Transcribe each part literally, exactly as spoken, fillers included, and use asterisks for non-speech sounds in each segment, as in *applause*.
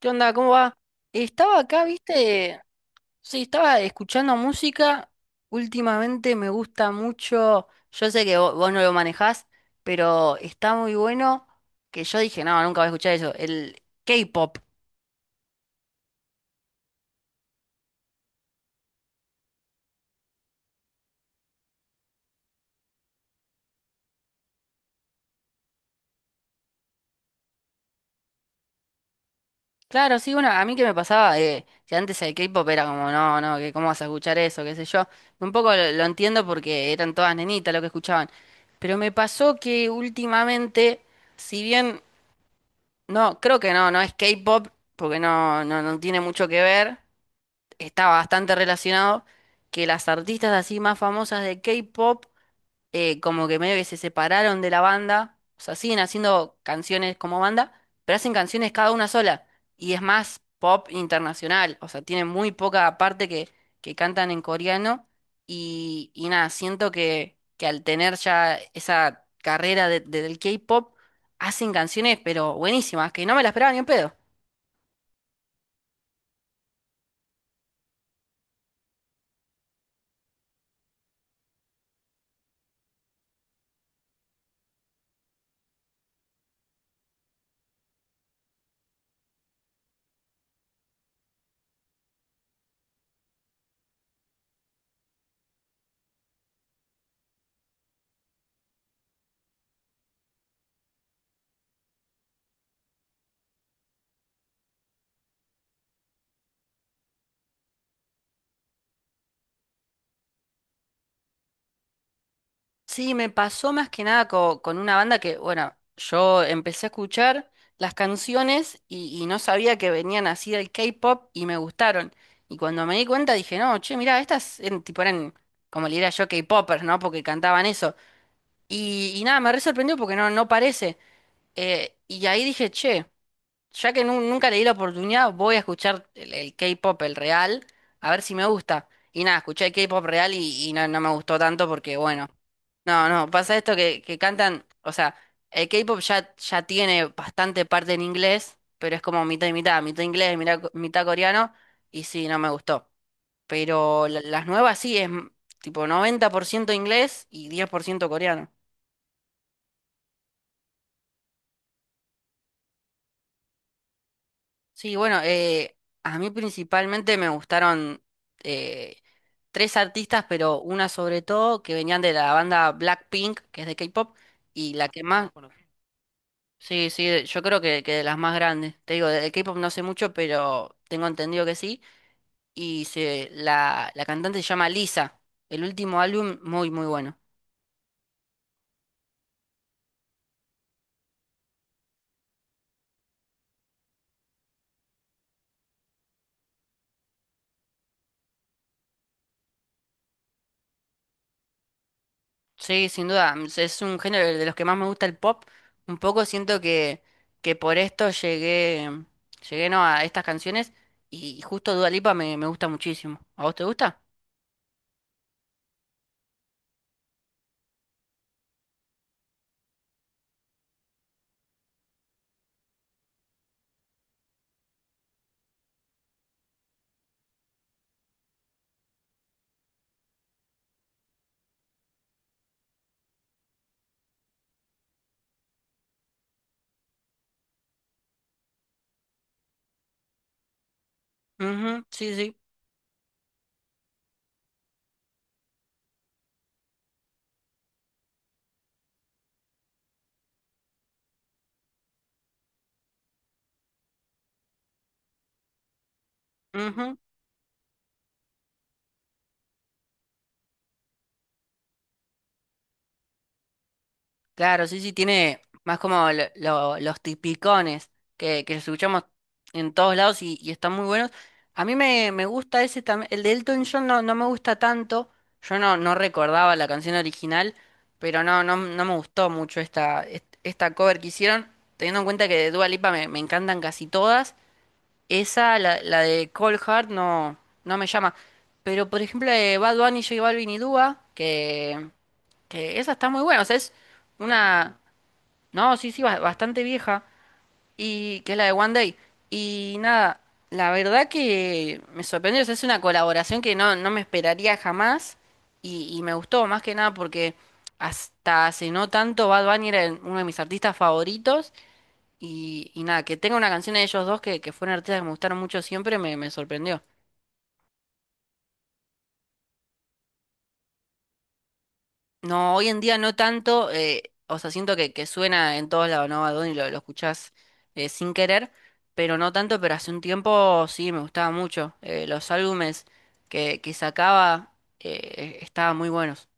¿Qué onda? ¿Cómo va? Estaba acá, viste, sí, estaba escuchando música. Últimamente me gusta mucho, yo sé que vo- vos, no lo manejás, pero está muy bueno que yo dije, no, nunca voy a escuchar eso, el K-pop. Claro, sí, bueno, a mí que me pasaba, eh, que antes el K-pop era como, no, no, que cómo vas a escuchar eso, qué sé yo. Un poco lo, lo entiendo porque eran todas nenitas lo que escuchaban, pero me pasó que últimamente, si bien no, creo que no, no es K-pop, porque no, no, no tiene mucho que ver. Está bastante relacionado que las artistas así más famosas de K-pop, eh, como que medio que se separaron de la banda, o sea, siguen haciendo canciones como banda, pero hacen canciones cada una sola, y es más pop internacional, o sea, tienen muy poca parte que, que cantan en coreano, y, y nada, siento que, que al tener ya esa carrera de- de- del K-pop, hacen canciones, pero buenísimas, que no me las esperaba ni un pedo. Sí, me pasó más que nada co- con, una banda que, bueno, yo empecé a escuchar las canciones y, y no sabía que venían así del K-pop y me gustaron. Y cuando me di cuenta dije, no, che, mirá, estas eran, tipo eran, como le diría yo, K-popers, ¿no? Porque cantaban eso. Y, y nada, me re sorprendió porque no, no parece. Eh, y ahí dije, che, ya que nu- nunca le di la oportunidad, voy a escuchar el, el K-pop, el real, a ver si me gusta. Y nada, escuché el K-pop real y, y no, no me gustó tanto porque, bueno. No, no, pasa esto que, que cantan, o sea, el K-pop ya, ya tiene bastante parte en inglés, pero es como mitad y mitad, mitad inglés, mitad, co- mitad coreano, y sí, no me gustó. Pero la- las nuevas sí, es m- tipo noventa por ciento inglés y diez por ciento coreano. Sí, bueno, eh, a mí principalmente me gustaron, eh, tres artistas, pero una sobre todo que venían de la banda Blackpink, que es de K-pop, y la que más... bueno, sí, sí, de- yo creo que, que de las más grandes. Te digo, de de K-pop no sé mucho, pero tengo entendido que sí. Y se, la, la cantante se llama Lisa. El último álbum, muy, muy bueno. Sí, sin duda, mm, es un género de los que más me gusta el pop. Un poco siento que, que por esto llegué, mm, llegué no, a estas canciones y justo Dua Lipa me, me gusta muchísimo. ¿A vos te gusta? Ujú, sí, sí. Ujú. Claro, sí, sí, tiene más como lo- lo- los tipicones que, que escuchamos en todos lados y, y están muy buenos. A mí me, me gusta ese también, el de Elton John no, no me gusta tanto, yo no, no recordaba la canción original, pero no, no, no me gustó mucho esta, est- esta cover que hicieron, teniendo en cuenta que de Dua Lipa me, me encantan casi todas, esa, la, la de Cold Heart, no, no me llama, pero por ejemplo de Bad Bunny, J Balvin y Dua, que, que esa está muy buena, o sea, es una... No, sí, sí, ba- bastante vieja. Y que es la de One Day. Y nada, la verdad que me sorprendió. O sea, es una colaboración que no, no me esperaría jamás. Y, y me gustó más que nada porque hasta hace no tanto Bad Bunny era el- uno de mis artistas favoritos. Y, y nada, que tenga una canción de ellos dos que, que fueron artistas que me gustaron mucho siempre me, me sorprendió. No, hoy en día no tanto, eh, o sea, siento que, que suena en todos lados, ¿no? A dónde lo, lo escuchás, eh, sin querer, pero no tanto, pero hace un tiempo sí me gustaba mucho. eh, los álbumes que, que sacaba, eh, estaban muy buenos.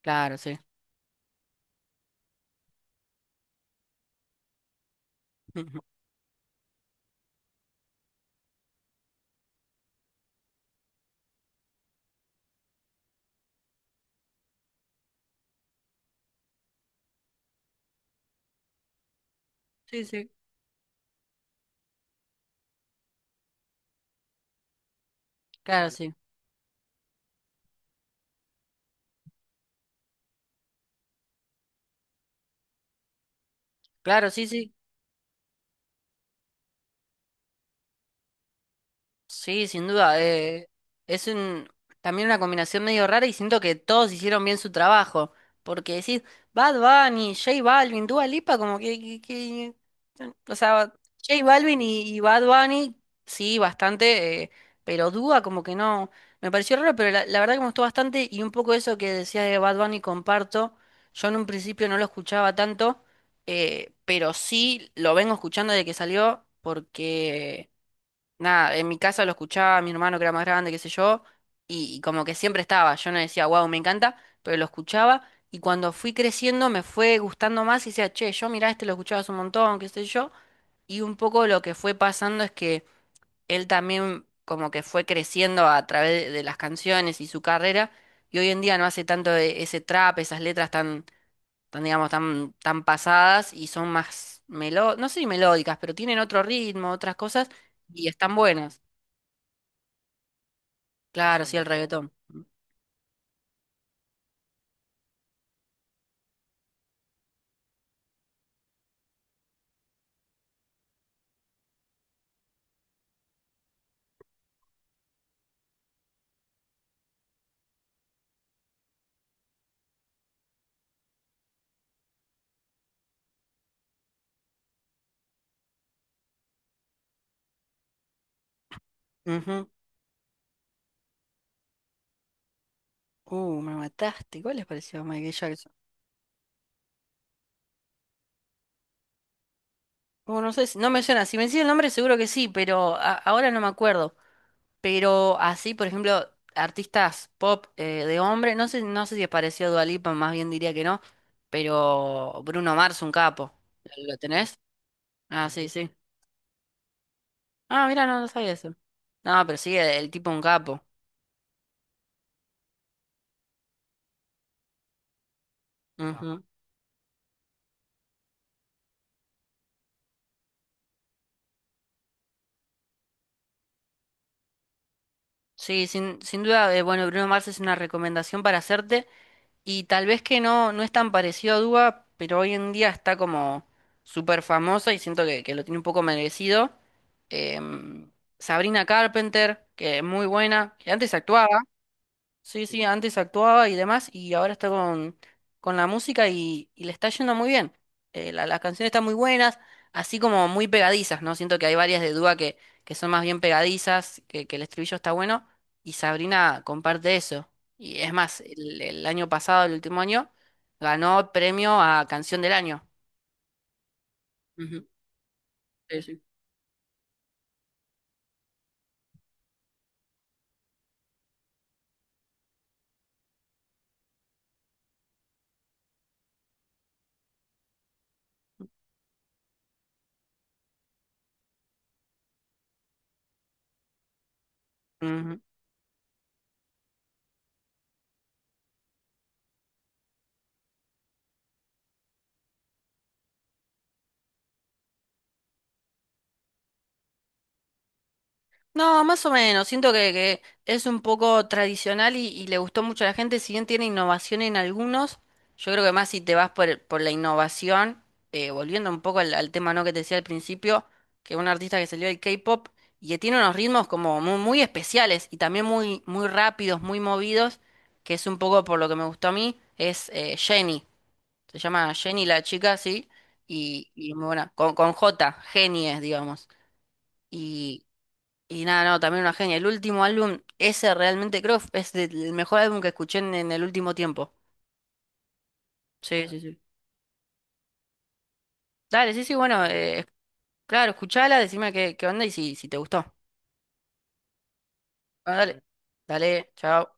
Claro, sí. *laughs* Sí, sí. Claro, sí. Claro, sí, sí. Sí, sin duda. eh, es un, también una combinación medio rara y siento que todos hicieron bien su trabajo. Porque decís, Bad Bunny, J Balvin, Dua Lipa, como que, que- que- o sea, J Balvin y, y Bad Bunny, sí, bastante, eh, pero Dua como que no. Me pareció raro, pero la, la verdad que me gustó bastante y un poco eso que decías de Bad Bunny comparto. Yo en un principio no lo escuchaba tanto, eh, pero sí lo vengo escuchando desde que salió porque... Nada, en mi casa lo escuchaba mi hermano que era más grande, qué sé yo, y, y como que siempre estaba. Yo no decía, wow, me encanta, pero lo escuchaba y cuando fui creciendo me fue gustando más y decía, che, yo mirá, este lo escuchabas un montón, qué sé yo. Y un poco lo que fue pasando es que él también como que fue creciendo a través de, de las canciones y su carrera y hoy en día no hace tanto e- ese trap, esas letras tan, tan digamos, tan, tan pasadas y son más, melo no sé si melódicas, pero tienen otro ritmo, otras cosas y están buenas. Claro, sí, el reggaetón. Ujú. Uh, me mataste. ¿Cuál les pareció Michael Jackson? Uh, no sé, si- no me suena. Si me decís el nombre, seguro que sí, pero a- ahora no me acuerdo. Pero así, por ejemplo, artistas pop, eh, de hombre, no sé, no sé si apareció Dua Lipa, más bien diría que no. Pero Bruno Mars, un capo. ¿Lo, lo tenés? Ah, sí, sí. Ah, mira, no, no sabía eso. No, pero sí, el tipo un capo. Ujú. Sí, sin, sin duda, eh, bueno, Bruno Mars es una recomendación para hacerte. Y tal vez que no, no es tan parecido a Duba, pero hoy en día está como súper famosa y siento que, que lo tiene un poco merecido. Em, Sabrina Carpenter, que es muy buena, que antes actuaba. Sí, sí, antes actuaba y demás, y ahora está con, con la música y, y le está yendo muy bien. Eh, la- las canciones están muy buenas, así como muy pegadizas, ¿no? Siento que hay varias de Dúa que, que son más bien pegadizas, que, que el estribillo está bueno, y Sabrina comparte eso. Y es más, el, el año pasado, el último año, ganó premio a Canción del Año. Ujú, sí, sí. No, más o menos. Siento que, que es un poco tradicional y, y le gustó mucho a la gente. Si bien tiene innovación en algunos, yo creo que más si te vas por, el- por la innovación, eh, volviendo un poco al, al tema no que te decía al principio, que un artista que salió del K-pop y que tiene unos ritmos como muy, muy especiales y también muy, muy rápidos, muy movidos, que es un poco por lo que me gustó a mí, es, eh, Jennie. Se llama Jennie la chica, sí, y, y muy buena. Con, con J, genies es, digamos. Y nada, no, también una genia. El último álbum, ese realmente creo es de- el mejor álbum que escuché en, en el último tiempo. Sí, sí, sí. Dale, sí, sí, bueno, eh, claro, escuchala, decime qué, qué onda y si, si te gustó. Bueno, dale, dale, chao.